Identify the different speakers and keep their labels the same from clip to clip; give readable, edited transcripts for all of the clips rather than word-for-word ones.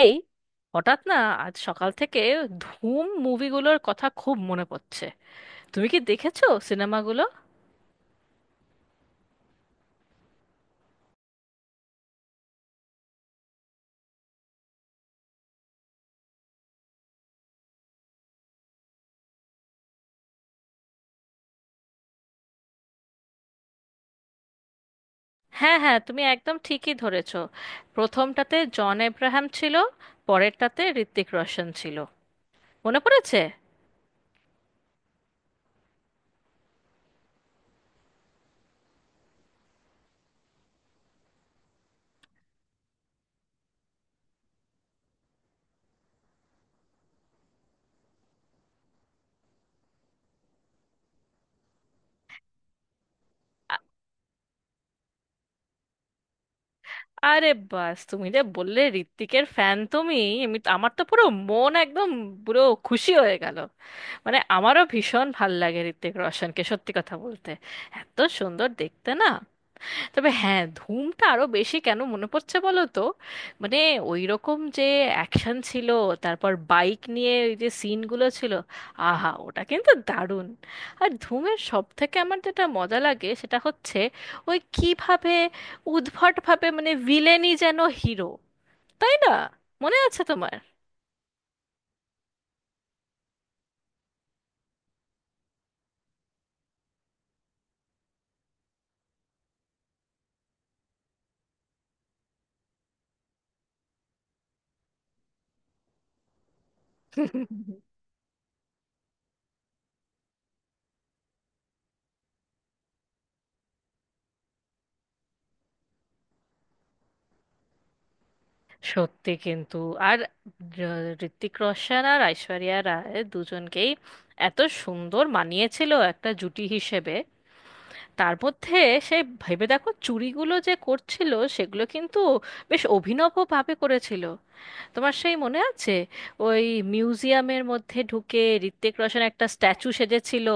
Speaker 1: এই, হঠাৎ না, আজ সকাল থেকে ধুম মুভিগুলোর কথা খুব মনে পড়ছে। তুমি কি দেখেছো সিনেমাগুলো? হ্যাঁ, হ্যাঁ, তুমি একদম ঠিকই ধরেছো। প্রথমটাতে জন এব্রাহাম ছিল। পরেরটাতে ঋত্বিক রোশন ছিল। মনে পড়েছে। আ- আরে বাস! তুমি যে বললে ঋত্বিকের ফ্যান তুমি। আমি আমার তো পুরো মন একদম, পুরো খুশি হয়ে গেল। মানে, আমারও ভীষণ ভাল লাগে ঋত্বিক রোশনকে, সত্যি কথা বলতে। এত সুন্দর দেখতে, না? তবে হ্যাঁ, ধুমটা আরো বেশি কেন মনে পড়ছে বলো তো। মানে, ওই রকম যে অ্যাকশন ছিল, তারপর বাইক নিয়ে ওই যে সিনগুলো ছিল, আহা ওটা কিন্তু দারুণ। আর ধুমের সব থেকে আমার যেটা মজা লাগে সেটা হচ্ছে ওই, কিভাবে উদ্ভটভাবে মানে ভিলেনই যেন হিরো, তাই না? মনে আছে তোমার? সত্যি কিন্তু। আর ঋত্বিক রোশন আর ঐশ্বরিয়া রায় দুজনকেই এত সুন্দর মানিয়েছিল একটা জুটি হিসেবে। তার মধ্যে সে, ভেবে দেখো, চুরিগুলো যে করছিল সেগুলো কিন্তু বেশ অভিনবভাবে করেছিল। তোমার সেই মনে আছে? ওই মিউজিয়ামের মধ্যে ঢুকে ঋত্বিক রোশন একটা স্ট্যাচু সেজেছিল।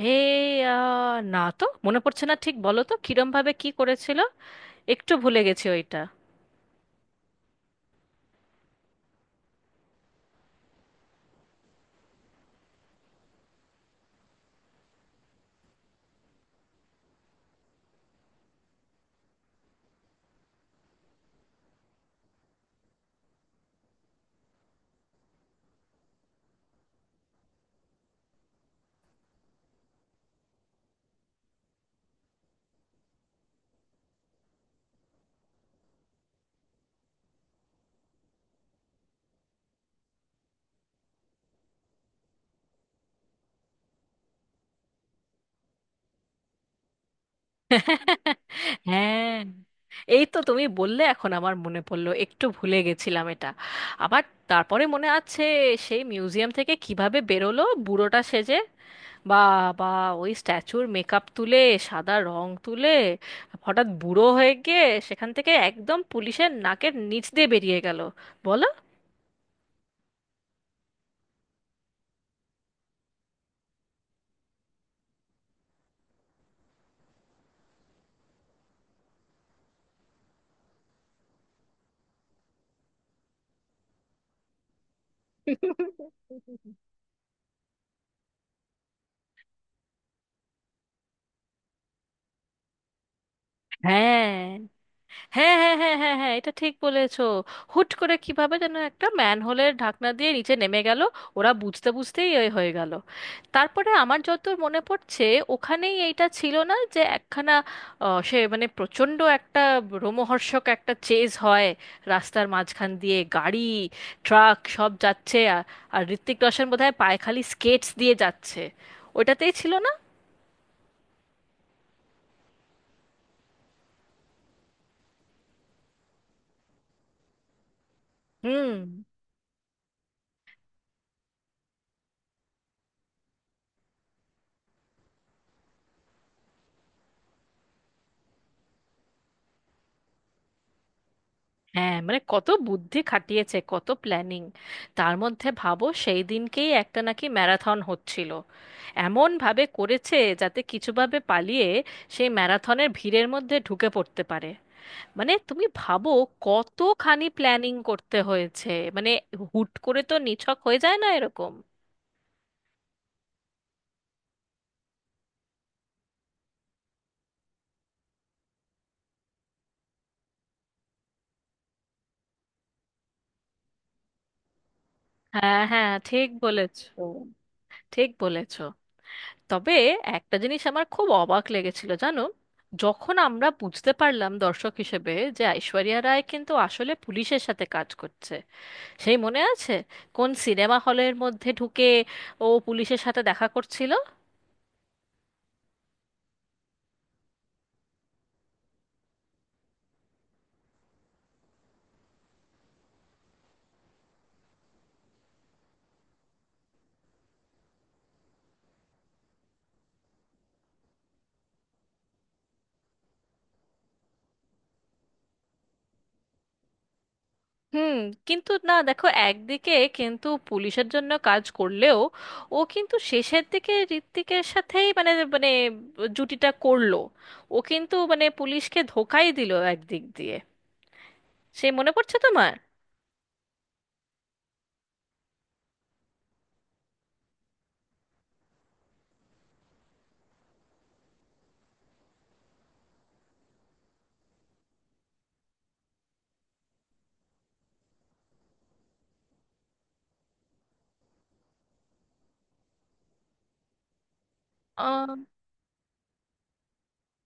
Speaker 1: হে না তো মনে পড়ছে না ঠিক, বলো তো কিরম ভাবে কি করেছিল। একটু ভুলে গেছি ওইটা। হ্যাঁ, এই তো তুমি বললে এখন আমার মনে পড়লো, একটু ভুলে গেছিলাম এটা আবার। তারপরে মনে আছে সেই মিউজিয়াম থেকে কিভাবে বেরোলো বুড়োটা সেজে? বাবা! ওই স্ট্যাচুর মেকআপ তুলে, সাদা রং তুলে, হঠাৎ বুড়ো হয়ে গিয়ে সেখান থেকে একদম পুলিশের নাকের নিচ দিয়ে বেরিয়ে গেল, বলো! হ্যাঁ, হ্যাঁ, হ্যাঁ, হ্যাঁ, হ্যাঁ, হ্যাঁ, এটা ঠিক বলেছো। হুট করে কিভাবে যেন একটা ম্যানহোলের ঢাকনা দিয়ে নিচে নেমে গেল। ওরা বুঝতে বুঝতেই এ হয়ে গেল। তারপরে আমার যতদূর মনে পড়ছে, ওখানেই এইটা ছিল না যে একখানা, সে মানে প্রচণ্ড একটা রোমহর্ষক একটা চেজ হয়। রাস্তার মাঝখান দিয়ে গাড়ি, ট্রাক সব যাচ্ছে, আর আর ঋত্বিক রোশন বোধহয় পায়খালি স্কেটস দিয়ে যাচ্ছে। ওটাতেই ছিল না? হুম, হ্যাঁ, মানে কত বুদ্ধি খাটিয়েছে, কত প্ল্যানিং। তার মধ্যে ভাবো, সেই দিনকেই একটা নাকি ম্যারাথন হচ্ছিল। এমন ভাবে করেছে যাতে কিছুভাবে পালিয়ে সেই ম্যারাথনের ভিড়ের মধ্যে ঢুকে পড়তে পারে। মানে, তুমি ভাবো কতখানি প্ল্যানিং করতে হয়েছে। মানে, হুট করে তো নিছক হয়ে যায় না এরকম। হ্যাঁ, হ্যাঁ, ঠিক বলেছো। ঠিক বলেছো। তবে একটা জিনিস আমার খুব অবাক লেগেছিল, জানো। যখন আমরা বুঝতে পারলাম দর্শক হিসেবে যে ঐশ্বরিয়া রায় কিন্তু আসলে পুলিশের সাথে কাজ করছে। সেই মনে আছে? কোন সিনেমা হলের মধ্যে ঢুকে ও পুলিশের সাথে দেখা করছিল। হুম, কিন্তু না দেখো, একদিকে কিন্তু পুলিশের জন্য কাজ করলেও ও কিন্তু শেষের দিকে ঋত্বিকের সাথেই মানে মানে জুটিটা করলো। ও কিন্তু মানে পুলিশকে ধোকাই দিল একদিক দিয়ে, সে মনে পড়ছে তোমার?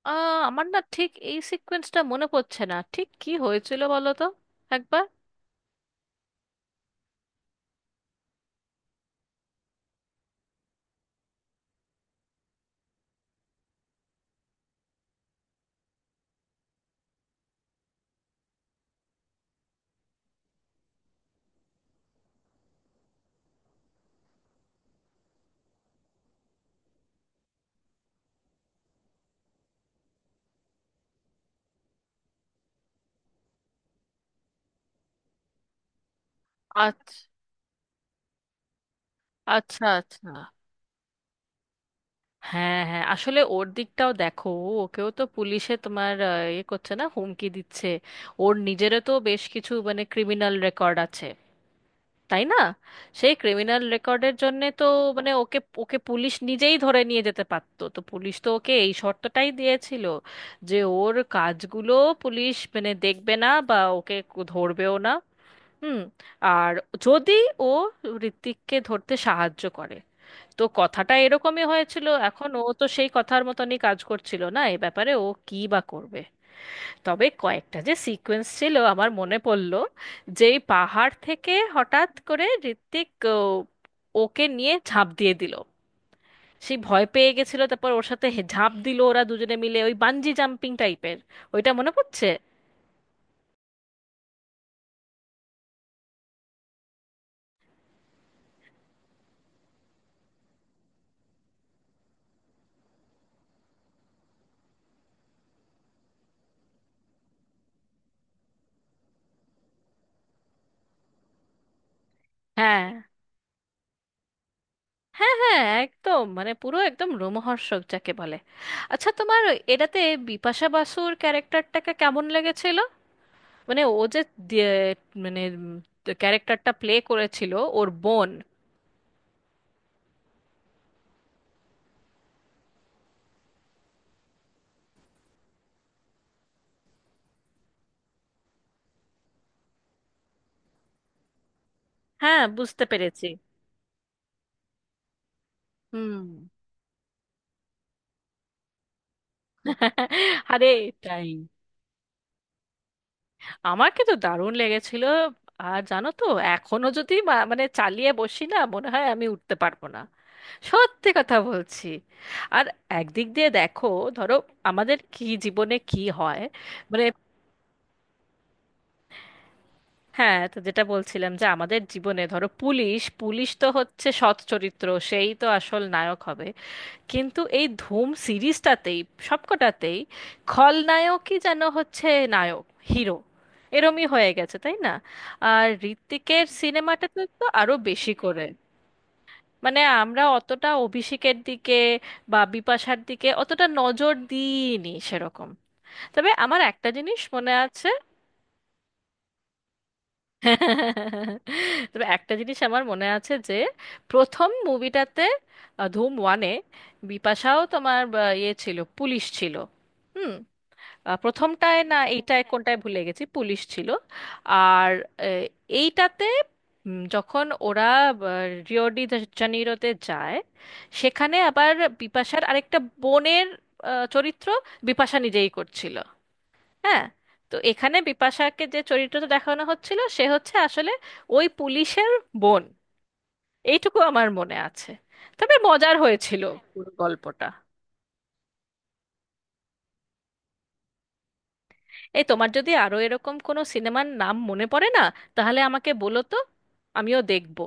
Speaker 1: আমার না ঠিক এই সিকোয়েন্সটা মনে পড়ছে না, ঠিক কি হয়েছিল বলো তো একবার। আচ্ছা, আচ্ছা, আচ্ছা। হ্যাঁ, হ্যাঁ, আসলে ওর দিকটাও দেখো, ওকেও তো পুলিশে তোমার ইয়ে করছে না, হুমকি দিচ্ছে। ওর নিজেরও তো বেশ কিছু মানে ক্রিমিনাল রেকর্ড আছে, তাই না? সেই ক্রিমিনাল রেকর্ডের জন্যে তো মানে ওকে ওকে পুলিশ নিজেই ধরে নিয়ে যেতে পারতো, তো পুলিশ তো ওকে এই শর্তটাই দিয়েছিল, যে ওর কাজগুলো পুলিশ মানে দেখবে না বা ওকে ধরবেও না। হুম। আর যদি ও ঋত্বিককে ধরতে সাহায্য করে, তো কথাটা এরকমই হয়েছিল, এখন ও তো সেই কথার মতনই কাজ করছিল না, এ ব্যাপারে ও কি বা করবে। তবে কয়েকটা যে সিকোয়েন্স ছিল আমার মনে পড়ল, যেই পাহাড় থেকে হঠাৎ করে ঋত্বিক ও, ওকে নিয়ে ঝাঁপ দিয়ে দিল। সেই ভয় পেয়ে গেছিল, তারপর ওর সাথে ঝাঁপ দিল ওরা দুজনে মিলে ওই বানজি জাম্পিং টাইপের। ওইটা মনে পড়ছে? হ্যাঁ, হ্যাঁ, হ্যাঁ, একদম, মানে পুরো একদম রোমহর্ষক যাকে বলে। আচ্ছা, তোমার এটাতে বিপাশা বাসুর ক্যারেক্টারটাকে কেমন লেগেছিল? মানে ও যে দিয়ে- মানে ক্যারেক্টারটা প্লে করেছিল, ওর বোন। হ্যাঁ, বুঝতে পেরেছি। হুম। আরে এটাই! আমাকে তো দারুণ লেগেছিল। আর জানো তো, এখনো যদি মানে চালিয়ে বসি না, মনে হয় আমি উঠতে পারবো না। সত্যি কথা বলছি। আর একদিক দিয়ে দেখো, ধরো আমাদের কি জীবনে কি হয়, মানে। হ্যাঁ, তো যেটা বলছিলাম যে আমাদের জীবনে ধরো পুলিশ পুলিশ তো হচ্ছে সৎ চরিত্র, সেই তো আসল নায়ক হবে। কিন্তু এই ধুম সিরিজটাতেই সবকটাতেই খলনায়কই যেন হচ্ছে নায়ক, হিরো। এরমই হয়ে গেছে, তাই না? আর ঋত্বিকের সিনেমাটাতে তো আরো বেশি করে। মানে আমরা অতটা অভিষেকের দিকে বা বিপাশার দিকে অতটা নজর দিইনি সেরকম। তবে আমার একটা জিনিস মনে আছে। তবে একটা জিনিস আমার মনে আছে, যে প্রথম মুভিটাতে ধুম ওয়ানে বিপাশাও তোমার ইয়ে ছিল, পুলিশ ছিল। হুম। প্রথমটায় না এইটায় কোনটায় ভুলে গেছি, পুলিশ ছিল। আর আহ, এইটাতে যখন ওরা রিও ডি জানিরোতে যায়, সেখানে আবার বিপাশার আরেকটা বোনের চরিত্র বিপাশা নিজেই করছিল। হ্যাঁ, তো এখানে বিপাশাকে যে চরিত্রটা দেখানো হচ্ছিল সে হচ্ছে আসলে ওই পুলিশের বোন, এইটুকু আমার মনে আছে। তবে মজার হয়েছিল পুরো গল্পটা। এই, তোমার যদি আরো এরকম কোনো সিনেমার নাম মনে পড়ে না, তাহলে আমাকে বলো তো, আমিও দেখবো।